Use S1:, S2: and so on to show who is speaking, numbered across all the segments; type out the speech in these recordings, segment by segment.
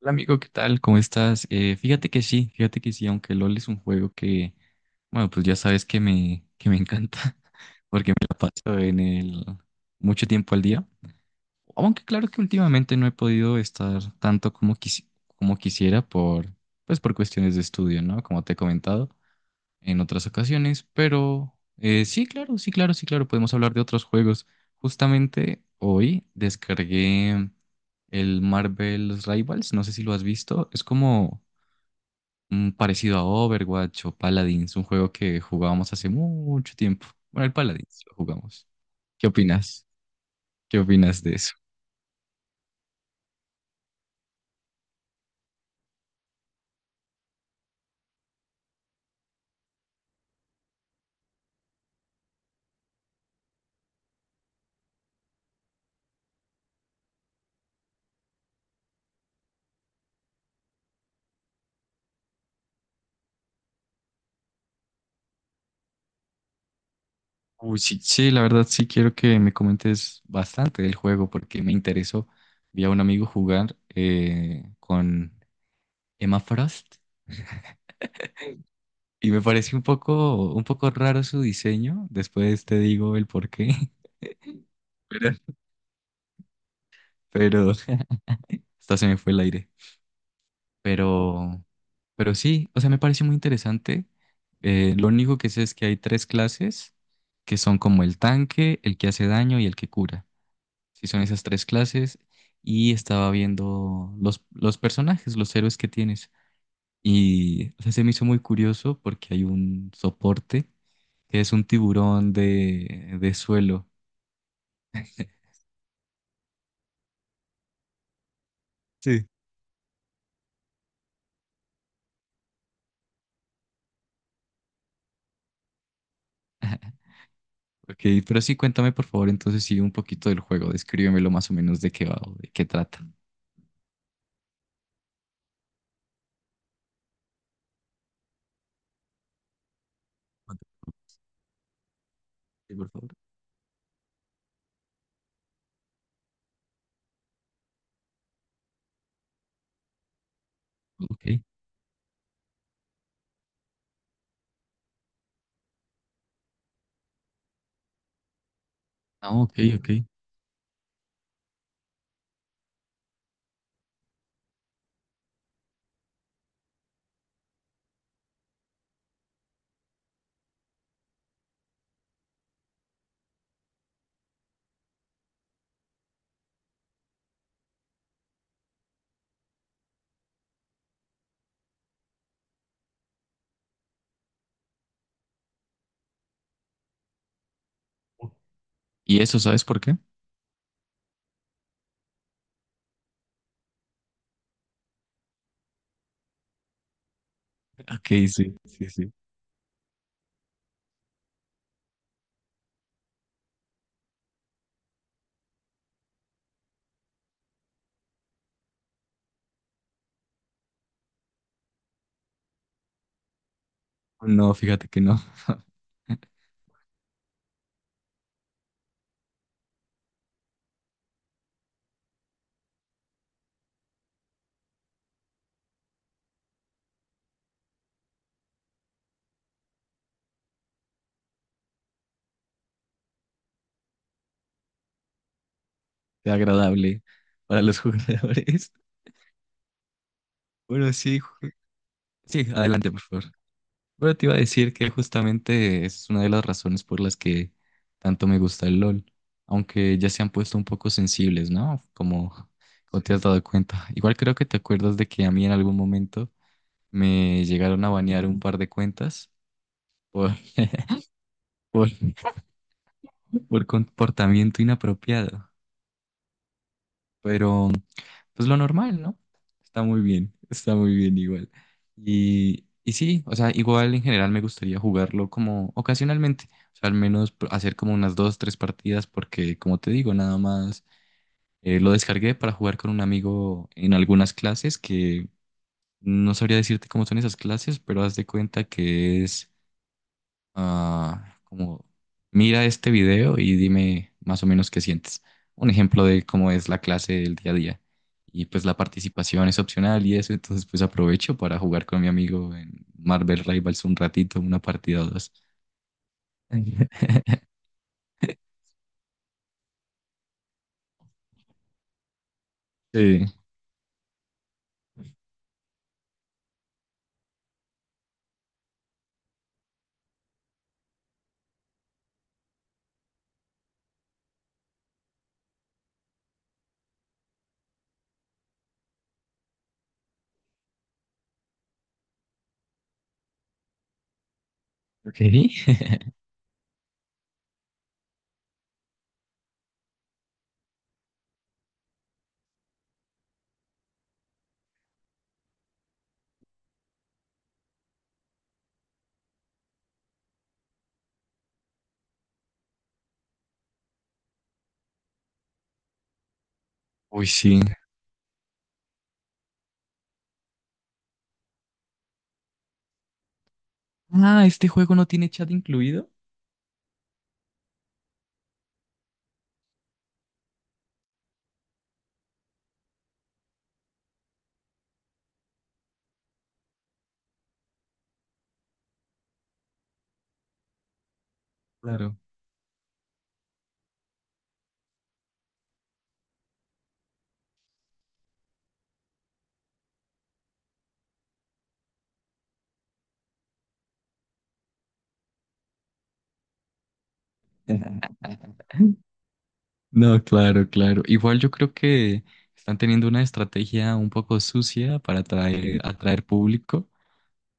S1: Hola amigo, ¿qué tal? ¿Cómo estás? Fíjate que sí, fíjate que sí, aunque LOL es un juego que, bueno, pues ya sabes que me encanta, porque me la paso en el mucho tiempo al día. Aunque claro que últimamente no he podido estar tanto como quisiera pues por cuestiones de estudio, ¿no? Como te he comentado en otras ocasiones, pero sí, claro, sí, claro, sí, claro, podemos hablar de otros juegos. Justamente hoy descargué el Marvel's Rivals, no sé si lo has visto, es como parecido a Overwatch o Paladins, un juego que jugábamos hace mucho tiempo. Bueno, el Paladins lo jugamos. ¿Qué opinas? ¿Qué opinas de eso? Uy, sí, sí, la verdad sí quiero que me comentes bastante del juego porque me interesó. Vi a un amigo jugar con Emma Frost. Y me parece un poco, raro su diseño. Después te digo el por qué. Pero, pero, hasta se me fue el aire. Pero, pero sí, o sea, me parece muy interesante. Lo único que sé es que hay tres clases que son como el tanque, el que hace daño y el que cura. Sí, son esas tres clases. Y estaba viendo los personajes, los héroes que tienes. Y o sea, se me hizo muy curioso porque hay un soporte que es un tiburón de suelo. Sí. Ok, pero sí, cuéntame por favor entonces sí un poquito del juego, descríbemelo más o menos de qué va o de qué trata. Sí, por favor. Ok, ok, ok. ¿Y eso sabes por qué? Ok, sí, sí, sí. No, fíjate que no. Sea agradable para los jugadores. Bueno, sí, sí, adelante por favor. Pero te iba a decir que justamente es una de las razones por las que tanto me gusta el LOL, aunque ya se han puesto un poco sensibles, ¿no? Como te has dado cuenta. Igual creo que te acuerdas de que a mí en algún momento me llegaron a banear un par de cuentas por, por, por comportamiento inapropiado, pero... pues lo normal, ¿no? Está muy bien igual. Y sí, o sea, igual en general me gustaría jugarlo como ocasionalmente, o sea, al menos hacer como unas dos, tres partidas, porque como te digo, nada más lo descargué para jugar con un amigo en algunas clases que no sabría decirte cómo son esas clases, pero haz de cuenta que es como mira este video y dime más o menos qué sientes. Un ejemplo de cómo es la clase del día a día. Y pues la participación es opcional y eso, entonces pues aprovecho para jugar con mi amigo en Marvel Rivals un ratito, una partida o dos. Sí. Ok. Uy, sí. Ah, este juego no tiene chat incluido. Claro. No, claro, claro. Igual yo creo que están teniendo una estrategia un poco sucia para atraer, público.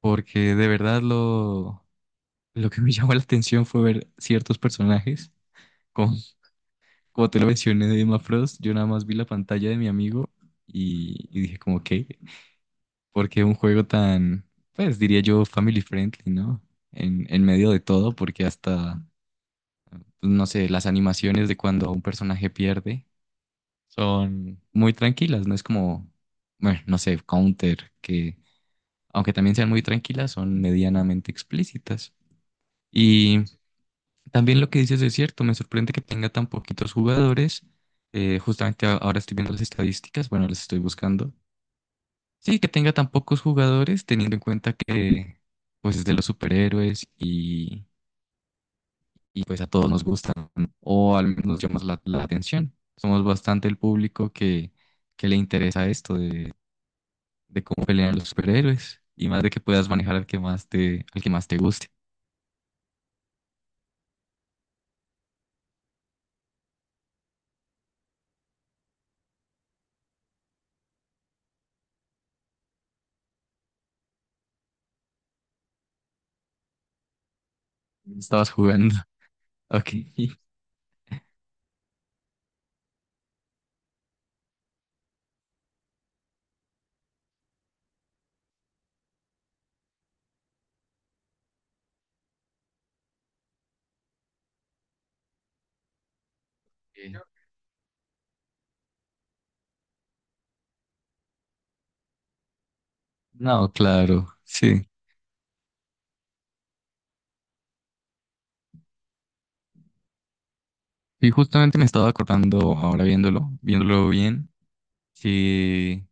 S1: Porque de verdad lo que me llamó la atención fue ver ciertos personajes. Como, como te lo mencioné de Emma Frost, yo nada más vi la pantalla de mi amigo y, dije como, ¿qué? Porque un juego tan, pues diría yo, family friendly, ¿no? en medio de todo, porque hasta, pues, no sé, las animaciones de cuando un personaje pierde son muy tranquilas, no es como, bueno, no sé, Counter, que aunque también sean muy tranquilas, son medianamente explícitas. También lo que dices es cierto, me sorprende que tenga tan poquitos jugadores. Justamente ahora estoy viendo las estadísticas, bueno, las estoy buscando. Sí, que tenga tan pocos jugadores, teniendo en cuenta que pues es de los superhéroes y, pues a todos nos gustan, ¿no? O al menos llamas la atención. Somos bastante el público que le interesa esto de cómo pelean los superhéroes y más de que puedas manejar al que más te, guste. Estabas jugando. Ok. Eh, No, claro, sí. Y justamente me estaba acordando, ahora viéndolo, viéndolo bien, que,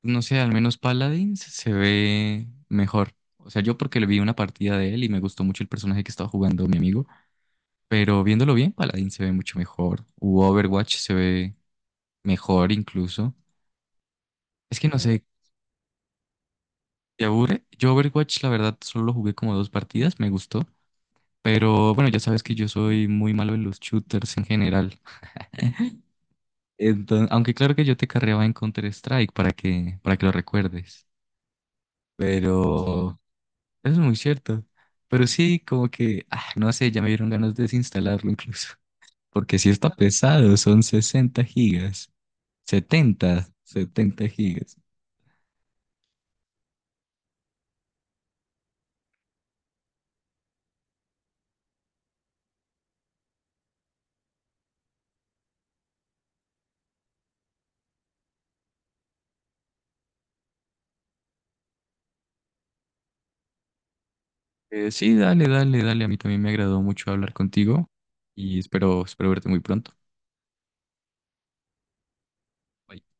S1: pues, no sé, al menos Paladins se ve mejor. O sea, yo porque le vi una partida de él y me gustó mucho el personaje que estaba jugando mi amigo, pero viéndolo bien, Paladins se ve mucho mejor. U Overwatch se ve mejor incluso. Es que no sé, te aburre. Yo Overwatch, la verdad, solo jugué como dos partidas, me gustó. Pero bueno, ya sabes que yo soy muy malo en los shooters en general. Entonces, aunque claro que yo te carreaba en Counter-Strike para que, lo recuerdes. Pero eso es muy cierto. Pero sí, como que, no sé, ya me dieron ganas de desinstalarlo incluso. Porque sí está pesado, son 60 gigas. Setenta gigas. Sí, dale, dale, dale. A mí también me agradó mucho hablar contigo y espero, verte muy pronto. Bye.